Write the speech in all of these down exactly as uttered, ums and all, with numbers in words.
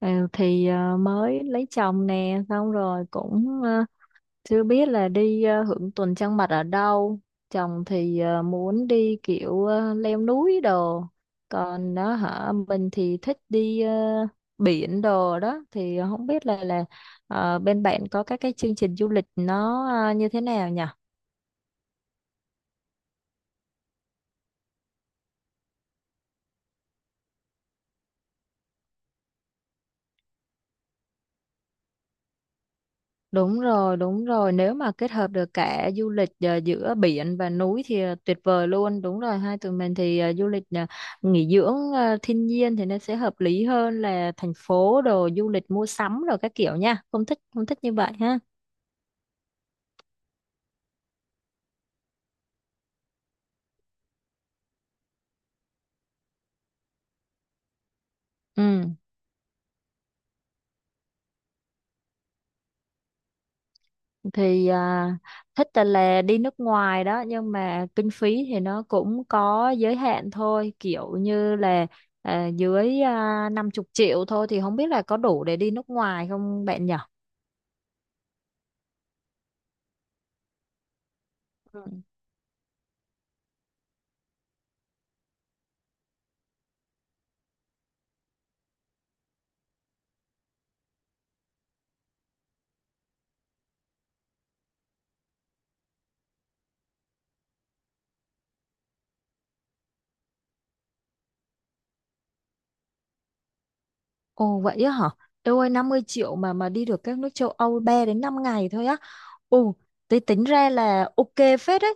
Ừ, thì ờ, mới lấy chồng nè xong rồi cũng ờ, chưa biết là đi ờ, hưởng tuần trăng mật ở đâu. Chồng thì ờ, muốn đi kiểu ờ, leo núi đồ. Còn nó hả, mình thì thích đi ờ, biển đồ đó. Thì không biết là là ờ, bên bạn có các cái chương trình du lịch nó ờ, như thế nào nhỉ? Đúng rồi, đúng rồi. Nếu mà kết hợp được cả du lịch ờ, giữa biển và núi thì ờ, tuyệt vời luôn. Đúng rồi, hai tụi mình thì ờ, du lịch ờ, nghỉ dưỡng ờ, thiên nhiên thì nó sẽ hợp lý hơn là thành phố đồ du lịch mua sắm rồi các kiểu nha. Không thích, không thích như vậy ha. Ừ, thì à, thích là, là đi nước ngoài đó, nhưng mà kinh phí thì nó cũng có giới hạn thôi. Kiểu như là à, dưới uh, năm mươi triệu thôi thì không biết là có đủ để đi nước ngoài không bạn nhỉ? Ồ vậy á hả? Eo ơi, năm mươi triệu mà mà đi được các nước châu Âu ba đến năm ngày thôi á. Ồ, tí tính ra là ok phết đấy.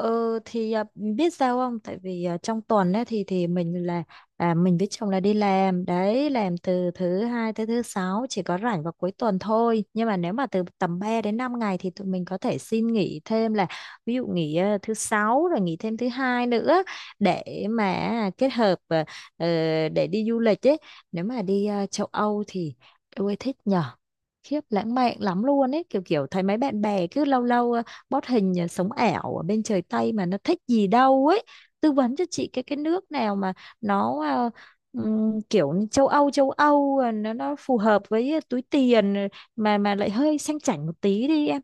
Ờ, thì à, biết sao không? Tại vì à, trong tuần ấy, thì thì mình là à, mình với chồng là đi làm đấy, làm từ thứ hai tới thứ sáu, chỉ có rảnh vào cuối tuần thôi. Nhưng mà nếu mà từ tầm ba đến năm ngày thì tụi mình có thể xin nghỉ thêm, là ví dụ nghỉ à, thứ sáu rồi nghỉ thêm thứ hai nữa để mà à, kết hợp à, ờ, để đi du lịch ấy. Nếu mà đi à, châu Âu thì tôi thích nhở, khiếp lãng mạn lắm luôn ấy. Kiểu kiểu thấy mấy bạn bè cứ lâu lâu ờ, post hình ờ, sống ảo ở bên trời Tây mà nó thích gì đâu ấy. Tư vấn cho chị cái cái nước nào mà nó ờ, ừm, kiểu như châu Âu, châu Âu ờ, nó nó phù hợp với ờ, túi tiền ờ, mà mà lại hơi sang chảnh một tí đi em.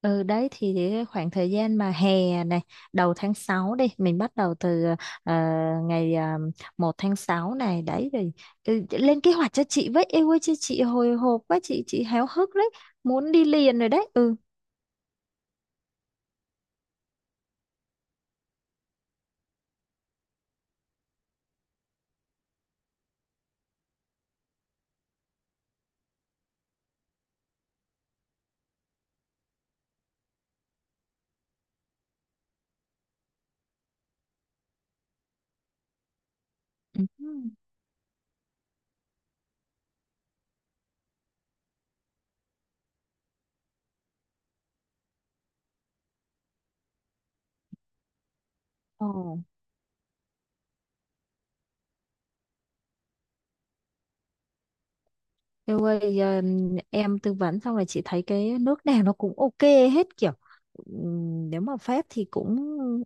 Ừ đấy, thì cái khoảng thời gian mà hè này đầu tháng sáu đi, mình bắt đầu từ ờ, ngày uh, một tháng sáu này đấy rồi. Ừ, lên kế hoạch cho chị với, yêu ơi, chứ chị hồi hộp quá, chị chị háo hức đấy, muốn đi liền rồi đấy ừ Ừ. Ồ. Em ơi, à, em tư vấn xong rồi chị thấy cái nước nào nó cũng ok hết kiểu. Ừm, nếu mà Pháp thì cũng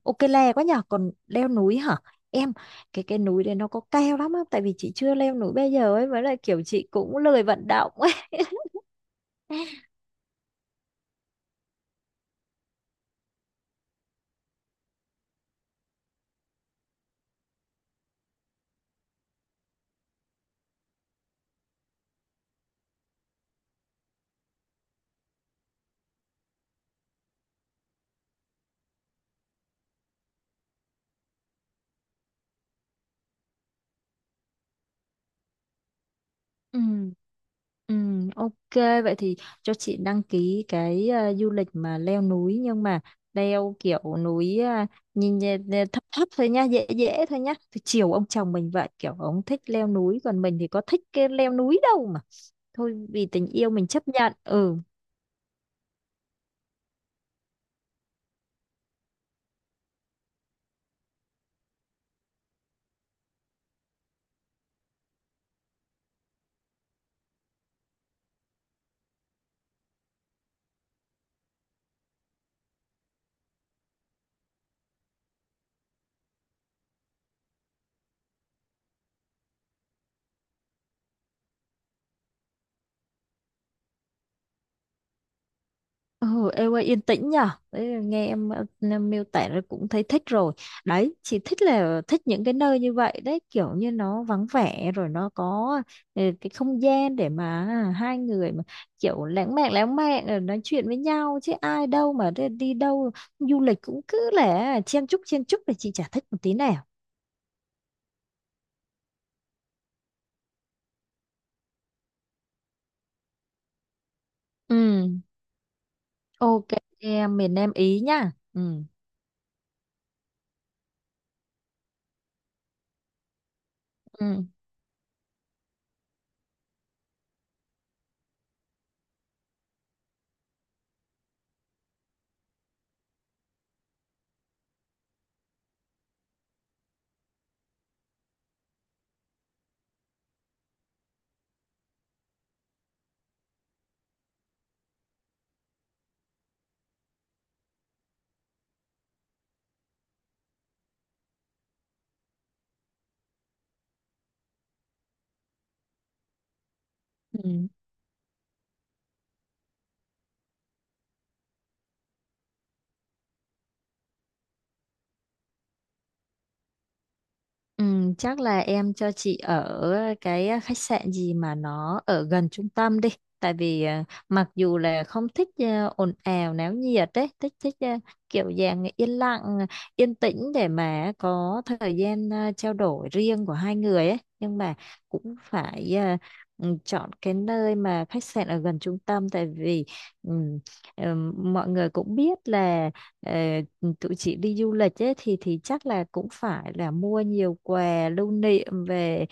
ok le quá nhở. Còn leo núi hả em, cái cái núi đấy nó có cao lắm không? Tại vì chị chưa leo núi bây giờ ấy, với lại kiểu chị cũng lười vận động ấy. Ừ. Ừ, ok, vậy thì cho chị đăng ký cái à, du lịch mà leo núi, nhưng mà leo kiểu núi à, nhìn nhẹ- thấp thấp thôi nhá, dễ dễ thôi nhá, thì chiều ông chồng mình vậy. Kiểu ông thích leo núi còn mình thì có thích cái leo núi đâu, mà thôi, vì tình yêu mình chấp nhận. Ừ. Ừ, em ơi, yên tĩnh nhở. Đấy, nghe em, ờ, em miêu tả rồi cũng thấy thích rồi đấy. Chỉ thích là thích những cái nơi như vậy đấy, kiểu như nó vắng vẻ rồi nó có ờ, cái không gian để mà hai người mà kiểu lãng mạn lãng mạn, rồi nói chuyện với nhau, chứ ai đâu mà đi đi đâu du lịch cũng cứ là chen chúc chen chúc thì chị chả thích một tí nào. Ừ, ok em. Miền Nam Ý nhá. Ừ, ừ, ừ. Ừ, chắc là em cho chị ở cái khách sạn gì mà nó ở gần trung tâm đi. Tại vì à, mặc dù là không thích à, ồn ào náo nhiệt đấy, thích thích à, kiểu dạng yên lặng, yên tĩnh để mà có thời gian à, trao đổi riêng của hai người ấy. Nhưng mà cũng phải à, ừ, chọn cái nơi mà khách sạn ở gần trung tâm, tại vì ừ, ừ, mọi người cũng biết là ờ, tụi chị đi du lịch ấy, thì thì chắc là cũng phải là mua nhiều quà lưu niệm về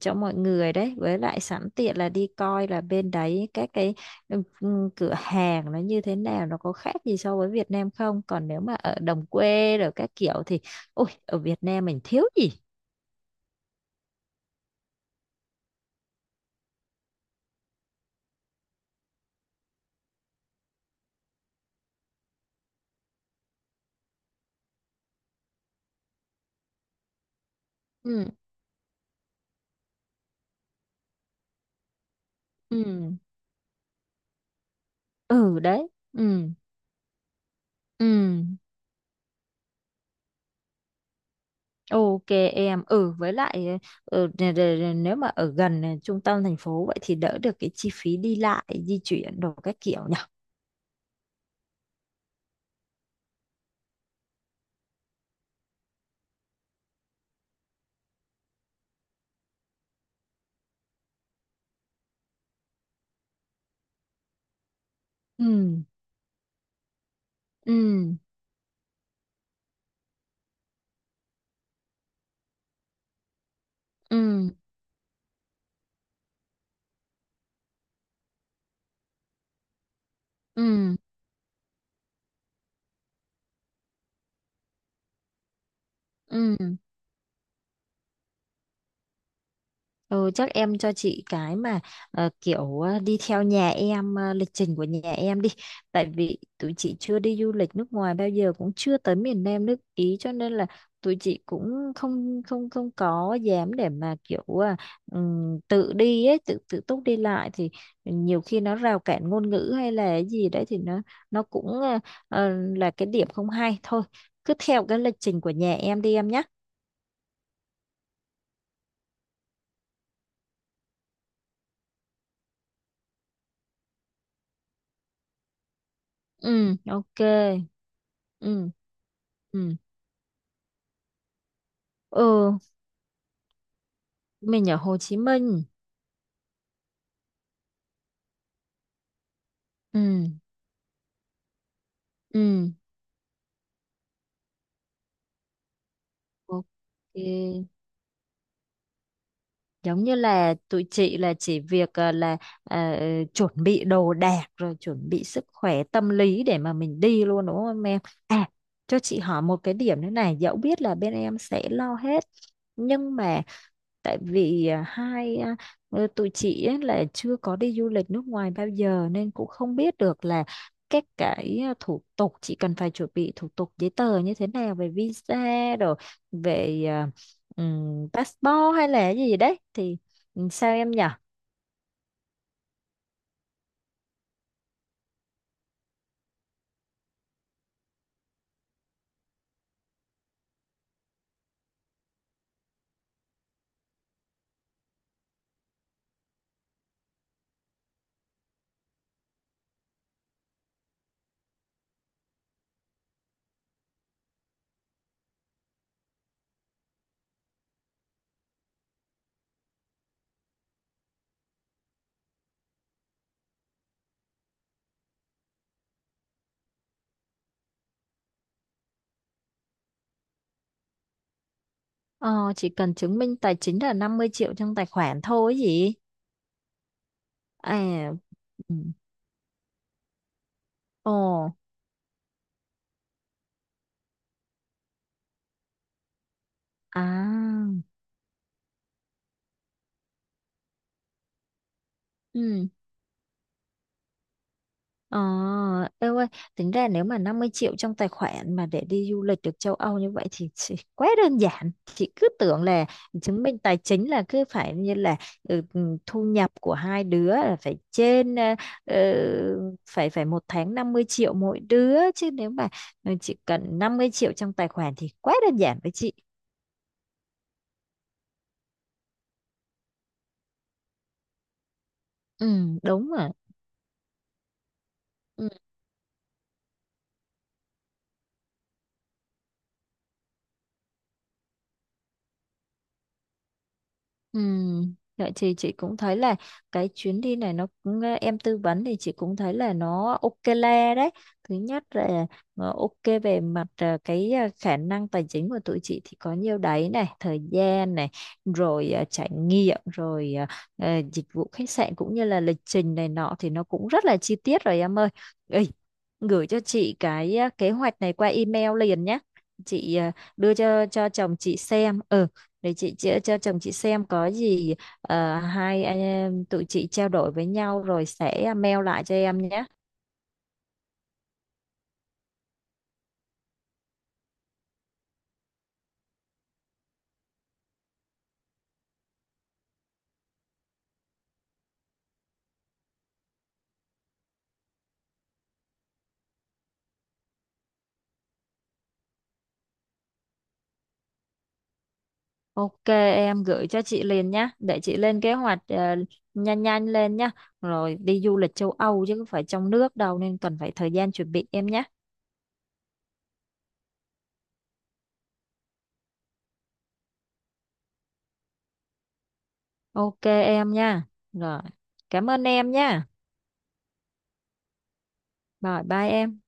cho mọi người đấy, với lại sẵn tiện là đi coi là bên đấy các cái ừ, ừ, cửa hàng nó như thế nào, nó có khác gì so với Việt Nam không. Còn nếu mà ở đồng quê rồi các kiểu thì ôi, ở Việt Nam mình thiếu gì. Ừ, ừ, ừ đấy. Ừ, ừ. Ok em, ừ, với lại, ừ, để- để- để- nếu mà ở gần ờ, trung tâm thành phố vậy thì đỡ được cái chi phí đi lại di chuyển đồ các kiểu nhỉ. Ừ, ừ, ừ, ừ, ừ. Ừ, chắc em cho chị cái mà ờ, kiểu ờ, đi theo nhà em ờ, lịch trình của nhà em đi, tại vì tụi chị chưa đi du lịch nước ngoài bao giờ, cũng chưa tới miền Nam nước Ý, cho nên là tụi chị cũng không không không có dám để mà kiểu ờ, ừm, tự đi ấy, tự tự túc đi lại, thì nhiều khi nó rào cản ngôn ngữ hay là cái gì đấy thì nó nó cũng ờ, ờ, là cái điểm không hay thôi. Cứ theo cái lịch trình của nhà em đi em nhé. Ừ, ok. Ừ, ừ. Ừ, mình ở Hồ Chí Minh. Ừ, ừ. Ok. Giống như là tụi chị là chỉ việc ờ, là ờ, chuẩn bị đồ đạc rồi chuẩn bị sức khỏe tâm lý để mà mình đi luôn, đúng không em? À, cho chị hỏi một cái điểm nữa này, dẫu biết là bên em sẽ lo hết, nhưng mà tại vì à, hai à, ờ, tụi chị ấy là chưa có đi du lịch nước ngoài bao giờ, nên cũng không biết được là các cái à, thủ tục chị cần phải chuẩn bị, thủ tục giấy tờ như thế nào về visa, rồi về à, ừm, passport hay là gì đấy thì, ừ, sao em nhỉ? ờ, chỉ cần chứng minh tài chính là năm mươi triệu trong tài khoản thôi ấy gì? À, ừ. Ồ, à, ừ. Ờ, em ơi, tính ra nếu mà năm mươi triệu trong tài khoản mà để đi du lịch được châu Âu như vậy thì, thì quá đơn giản. Chị cứ tưởng là chứng minh tài chính là cứ phải như là ừ, ừ, thu nhập của hai đứa là phải trên ờ, ờ, phải phải một tháng năm mươi triệu mỗi đứa. Chứ nếu mà ờ, chỉ cần năm mươi triệu trong tài khoản thì quá đơn giản với chị. Ừ, đúng rồi. Ừ. Ừ, vậy thì chị cũng thấy là cái chuyến đi này nó cũng ờ, em tư vấn thì chị cũng thấy là nó ok le đấy. Thứ nhất là ờ, ok về mặt ờ, cái ờ, khả năng tài chính của tụi chị thì có nhiêu đấy này, thời gian này, rồi ờ, trải nghiệm, rồi ờ, ờ, dịch vụ khách sạn cũng như là lịch trình này nọ thì nó cũng rất là chi tiết rồi em ơi. Ê, gửi cho chị cái ờ, kế hoạch này qua email liền nhé. Chị ờ, đưa cho cho chồng chị xem. Ừ, để chị, chị cho chồng chị xem có gì ờ, hai anh em tụi chị trao đổi với nhau rồi sẽ mail lại cho em nhé. Ok em, gửi cho chị liền nhé, để chị lên kế hoạch ờ, nhanh nhanh lên nhé, rồi đi du lịch châu Âu chứ không phải trong nước đâu nên cần phải thời gian chuẩn bị em nhé. Ok em nha. Rồi cảm ơn em nha. Rồi bye em.